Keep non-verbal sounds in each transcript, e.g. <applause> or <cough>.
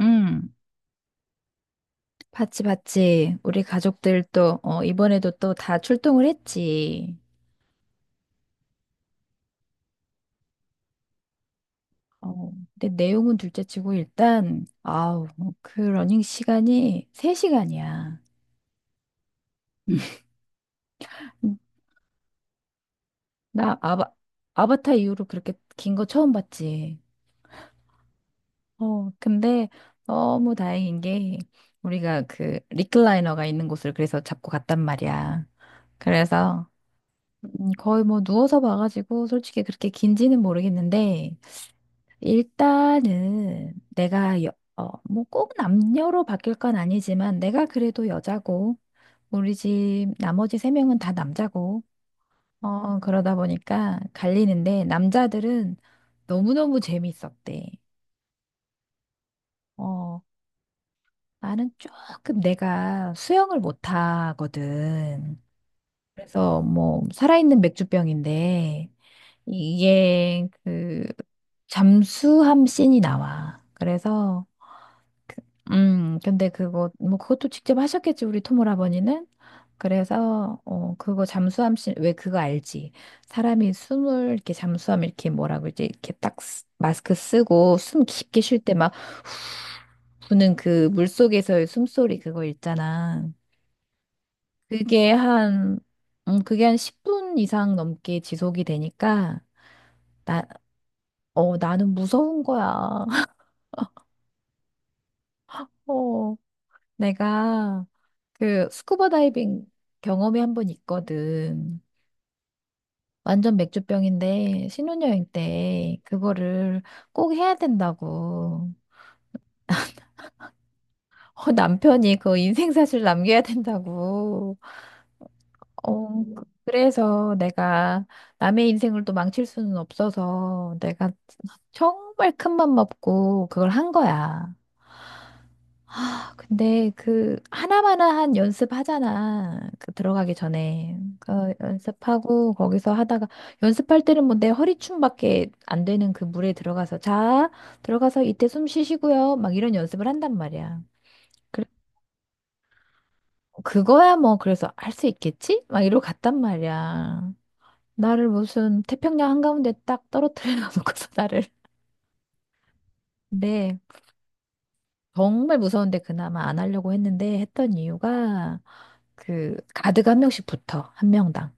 응, 봤지, 봤지. 우리 가족들도, 이번에도 또 다 출동을 했지. 어, 근데 내용은 둘째 치고 일단, 그 러닝 시간이 3시간이야. <laughs> 나 아바, 아바타 이후로 그렇게 긴 거 처음 봤지. 근데 너무 다행인 게 우리가 그 리클라이너가 있는 곳을 그래서 잡고 갔단 말이야. 그래서 거의 뭐 누워서 봐가지고 솔직히 그렇게 긴지는 모르겠는데 일단은 어, 뭐 꼭 남녀로 바뀔 건 아니지만 내가 그래도 여자고 우리 집 나머지 세 명은 다 남자고 그러다 보니까 갈리는데 남자들은 너무너무 재밌었대. 어, 나는 조금 내가 수영을 못 하거든. 그래서 뭐 살아있는 맥주병인데 이게 그 잠수함 씬이 나와. 그래서 근데 그거, 뭐, 그것도 직접 하셨겠지, 우리 토모라버니는. 그래서, 그거 잠수함 씬, 왜 그거 알지? 사람이 숨을, 이렇게 잠수함, 이렇게 뭐라고, 이제, 이렇게 딱 마스크 쓰고 숨 깊게 쉴 때 막 부는 그 물속에서의 숨소리 그거 있잖아. 그게 한, 그게 한 10분 이상 넘게 지속이 되니까, 나, 어, 나는 무서운 거야. <laughs> 어. 내가 그 스쿠버 다이빙 경험이 한 번 있거든. 완전 맥주병인데 신혼여행 때 그거를 꼭 해야 된다고. <laughs> 어, 남편이 그 인생사실 남겨야 된다고. 그래서 내가 남의 인생을 또 망칠 수는 없어서 내가 정말 큰 맘 먹고 그걸 한 거야. 아, 근데 그 하나마나한 연습하잖아. 그 들어가기 전에. 그 연습하고 거기서 하다가 연습할 때는 뭐 내 허리춤밖에 안 되는 그 물에 들어가서 들어가서 이때 숨 쉬시고요. 막 이런 연습을 한단 말이야. 그- 그거야 뭐 그래서 할 수 있겠지? 막 이러고 갔단 말이야. 나를 무슨 태평양 한가운데 딱 떨어뜨려 <laughs> 놓고서 나를. 네. 정말 무서운데 그나마 안 하려고 했는데 했던 이유가 그 가드가 한 명씩 붙어. 한 명당.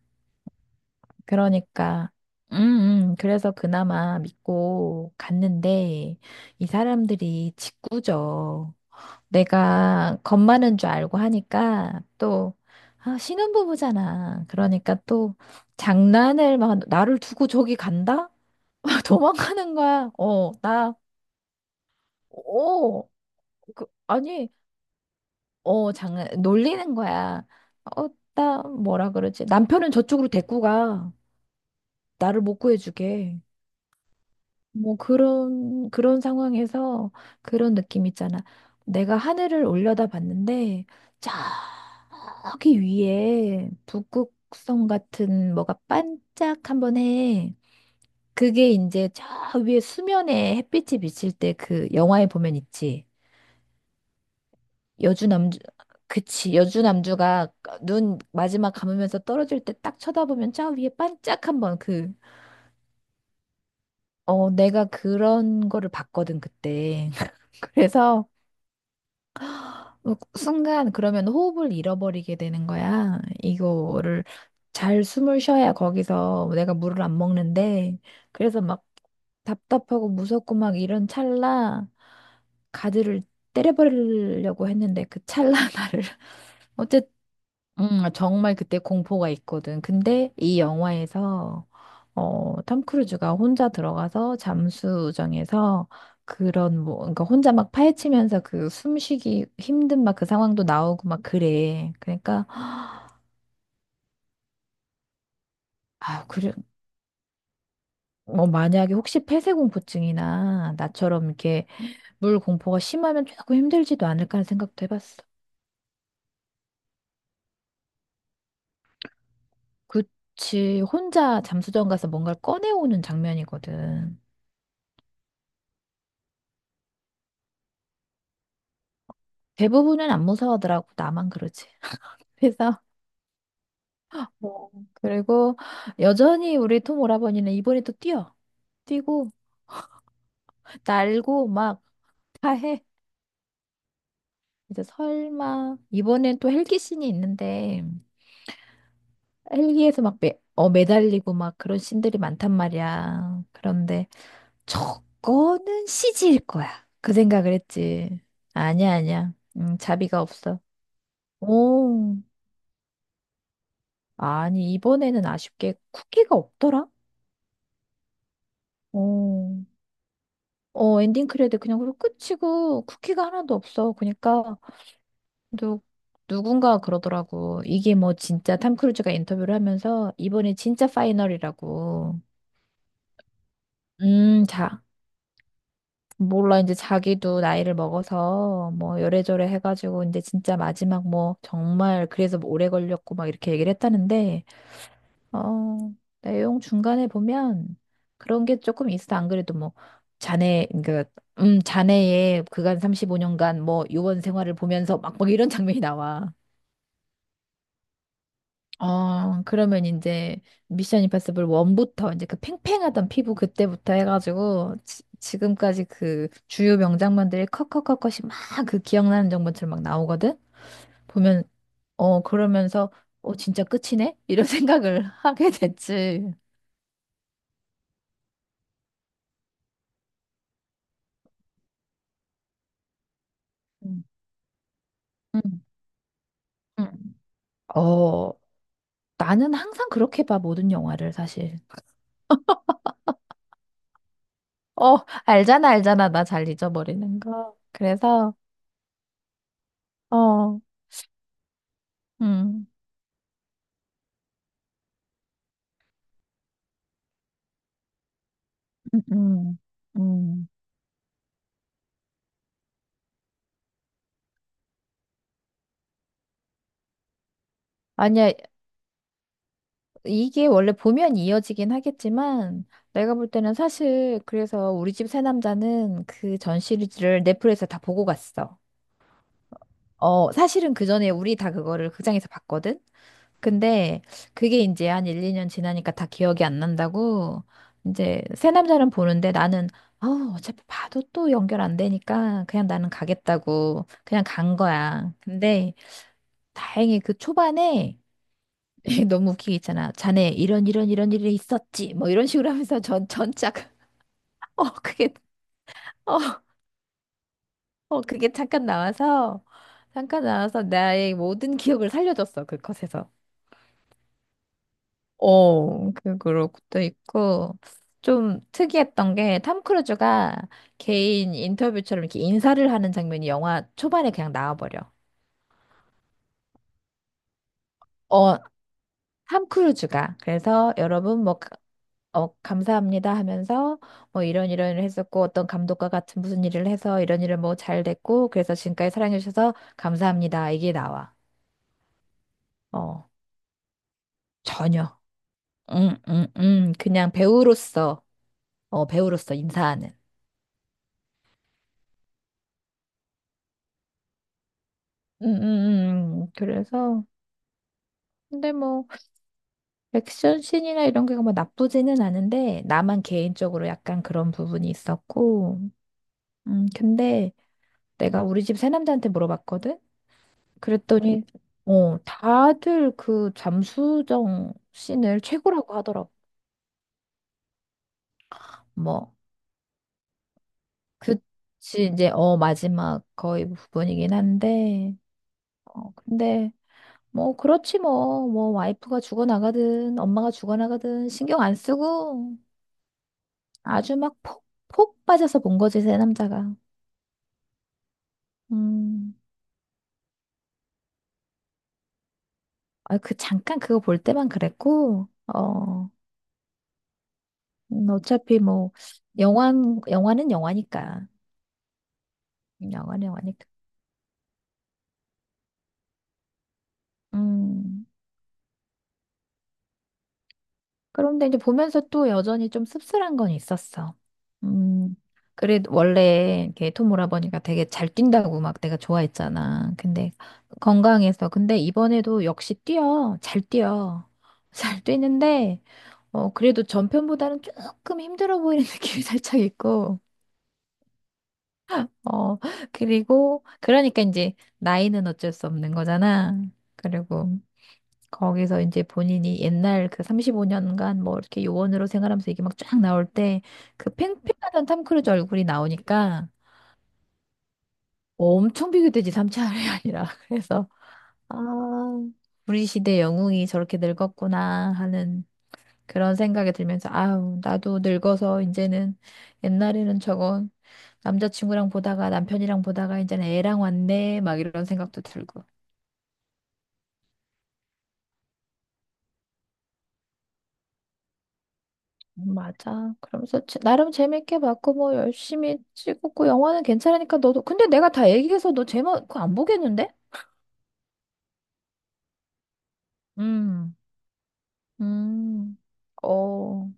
그러니까 그래서 그나마 믿고 갔는데 이 사람들이 직구죠. 내가 겁 많은 줄 알고 하니까 또 아, 신혼부부잖아. 그러니까 또 장난을 막 나를 두고 저기 간다? <laughs> 도망가는 거야. 어, 나 어. 그, 아니 어, 장난, 놀리는 거야. 어, 나 뭐라 그러지? 남편은 저쪽으로 데리고 가. 나를 못 구해주게. 뭐 그런, 그런 상황에서 그런 느낌 있잖아. 내가 하늘을 올려다 봤는데, 저기 위에 북극성 같은 뭐가 반짝 한번 해. 그게 이제 저 위에 수면에 햇빛이 비칠 때 그 영화에 보면 있지. 여주남주 그치 여주남주가 눈 마지막 감으면서 떨어질 때 딱 쳐다보면 저 위에 반짝 한번 그 어 내가 그런 거를 봤거든 그때 <laughs> 그래서 뭐 순간 그러면 호흡을 잃어버리게 되는 거야 이거를 잘 숨을 쉬어야 거기서 내가 물을 안 먹는데 그래서 막 답답하고 무섭고 막 이런 찰나 가드를 때려버리려고 했는데 그 찰나 나를 <laughs> 아, 정말 그때 공포가 있거든. 근데 이 영화에서 어, 톰 크루즈가 혼자 들어가서 잠수정에서 그런 뭐 그러니까 혼자 막 파헤치면서 그 숨쉬기 힘든 막 그 상황도 나오고 막 그래. 그러니까 아, 그래 뭐 만약에 혹시 폐쇄공포증이나 나처럼 이렇게 물 공포가 심하면 조금 힘들지도 않을까 하는 생각도 해봤어. 그치, 혼자 잠수정 가서 뭔가를 꺼내오는 장면이거든. 대부분은 안 무서워하더라고. 나만 그러지. <laughs> 그래서 뭐 그리고 여전히 우리 톰 오라버니는 이번에 또 뛰어. 뛰고 날고 막 다 해. 이제 설마 이번엔 또 헬기 씬이 있는데 헬기에서 막 매달리고 막 그런 씬들이 많단 말이야. 그런데 저거는 CG일 거야. 그 생각을 했지. 아니야, 아니야. 자비가 없어. 오, 아니 이번에는 아쉽게 쿠키가 없더라. 오. 어, 엔딩 크레딧 그냥 그리고 끝이고 쿠키가 하나도 없어. 그러니까 누, 누군가 그러더라고. 이게 뭐 진짜 탐 크루즈가 인터뷰를 하면서 이번에 진짜 파이널이라고. 자. 몰라, 이제 자기도 나이를 먹어서, 뭐, 요래저래 해가지고, 이제 진짜 마지막 뭐, 정말, 그래서 뭐 오래 걸렸고, 막 이렇게 얘기를 했다는데, 어, 내용 중간에 보면 그런 게 조금 있어. 안 그래도 뭐 자네 그 자네의 그간 35년간 뭐 요원 생활을 보면서 막 막 이런 <laughs> 장면이 나와. 어, 그러면 이제 미션 임파서블 1부터 이제 그 팽팽하던 피부 그때부터 해가지고 지금까지 그 주요 명장면들이 컷컷컷컷이 막 그 기억나는 장면처럼 막 나오거든? 보면 어 그러면서 어 진짜 끝이네? 이런 <laughs> 생각을 하게 됐지. 응 음, 음. 어, 나는 항상 그렇게 봐, 모든 영화를, 사실. 어, 알잖아, 알잖아. 나 잘 잊어버리는 거. 그래서, 어, 음, 음, 음. 음. 아니야, 이게 원래 보면 이어지긴 하겠지만, 내가 볼 때는 사실, 그래서 우리 집 새 남자는 그 전 시리즈를 넷플릭스에 다 보고 갔어. 어, 사실은 그 전에 우리 다 그거를 극장에서 봤거든? 근데 그게 이제 한 1, 2년 지나니까 다 기억이 안 난다고 이제 새 남자는 보는데 나는 어, 어차피 봐도 또 연결 안 되니까 그냥 나는 가겠다고 그냥 간 거야. 근데 다행히 그 초반에 <laughs> 너무 웃기게 있잖아. 자네 이런 이런 이런 일이 있었지. 뭐 이런 식으로 하면서 전 전작 <laughs> 어 그게 어, 어 그게 잠깐 나와서 나의 모든 기억을 살려줬어. 그 컷에서. 어, 그, 그럴 도 있고, 좀 특이했던 게, 탐 크루즈가 개인 인터뷰처럼 이렇게 인사를 하는 장면이 영화 초반에 그냥 나와버려. 어, 탐 크루즈가. 그래서 여러분, 뭐, 어, 감사합니다 하면서, 뭐, 이런 이런 일을 했었고, 어떤 감독과 같은 무슨 일을 해서 이런 일을 뭐 잘 됐고, 그래서 지금까지 사랑해주셔서 감사합니다. 이게 나와. 어, 전혀. 응, 응, 응. 그냥 배우로서, 어, 배우로서 인사하는. 그래서 근데 뭐 액션 씬이나 이런 게 뭐 나쁘지는 않은데 나만 개인적으로 약간 그런 부분이 있었고 근데 내가 우리 집 새남자한테 물어봤거든 그랬더니 어 다들 그 잠수정 씬을 최고라고 하더라고 뭐 그치 이제 어 마지막 거의 부분이긴 한데 어 근데 뭐 그렇지 뭐 뭐 와이프가 죽어나가든 엄마가 죽어나가든 신경 안 쓰고 아주 막 폭, 폭 빠져서 본 거지, 새 남자가. 음, 아, 그 잠깐 그거 볼 때만 그랬고, 어, 어차피 뭐, 영화, 영화는 영화니까. 영화는 영화니까. 음. 그런데 이제 보면서 또 여전히 좀 씁쓸한 건 있었어. 음, 그래, 원래 이렇게 톰 오라버니가 되게 잘 뛴다고 막 내가 좋아했잖아. 근데 건강해서. 근데 이번에도 역시 뛰어. 잘 뛰어. <laughs> 잘 뛰는데, 어, 그래도 전편보다는 조금 힘들어 보이는 <laughs> 느낌이 살짝 있고, 어, 그리고, 그러니까 이제 나이는 어쩔 수 없는 거잖아. 그리고, 거기서 이제 본인이 옛날 그 35년간 뭐 이렇게 요원으로 생활하면서 이게 막 쫙 나올 때 그 팽팽하던 탐 크루즈 얼굴이 나오니까 뭐 엄청 비교되지 삼차원이 아니라 <laughs> 그래서 아 우리 시대 영웅이 저렇게 늙었구나 하는 그런 생각이 들면서 아우 나도 늙어서 이제는 옛날에는 저건 남자친구랑 보다가 남편이랑 보다가 이제는 애랑 왔네 막 이런 생각도 들고 맞아. 그러면서 나름 재밌게 봤고 뭐 열심히 찍었고 영화는 괜찮으니까 너도 근데 내가 다 얘기해서 너 제목 그거 안 보겠는데? 음, 음. 어,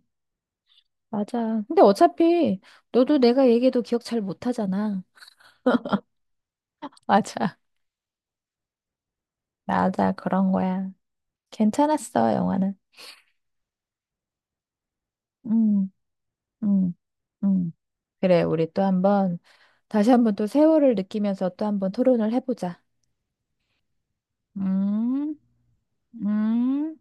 맞아. 근데 어차피 너도 내가 얘기해도 기억 잘 못하잖아. <laughs> 맞아. 맞아. 그런 거야. 괜찮았어, 영화는. 음. 음. 음. 그래. 우리 또 한번 다시 한번 또 세월을 느끼면서 또 한번 토론을 해보자. 음, 음.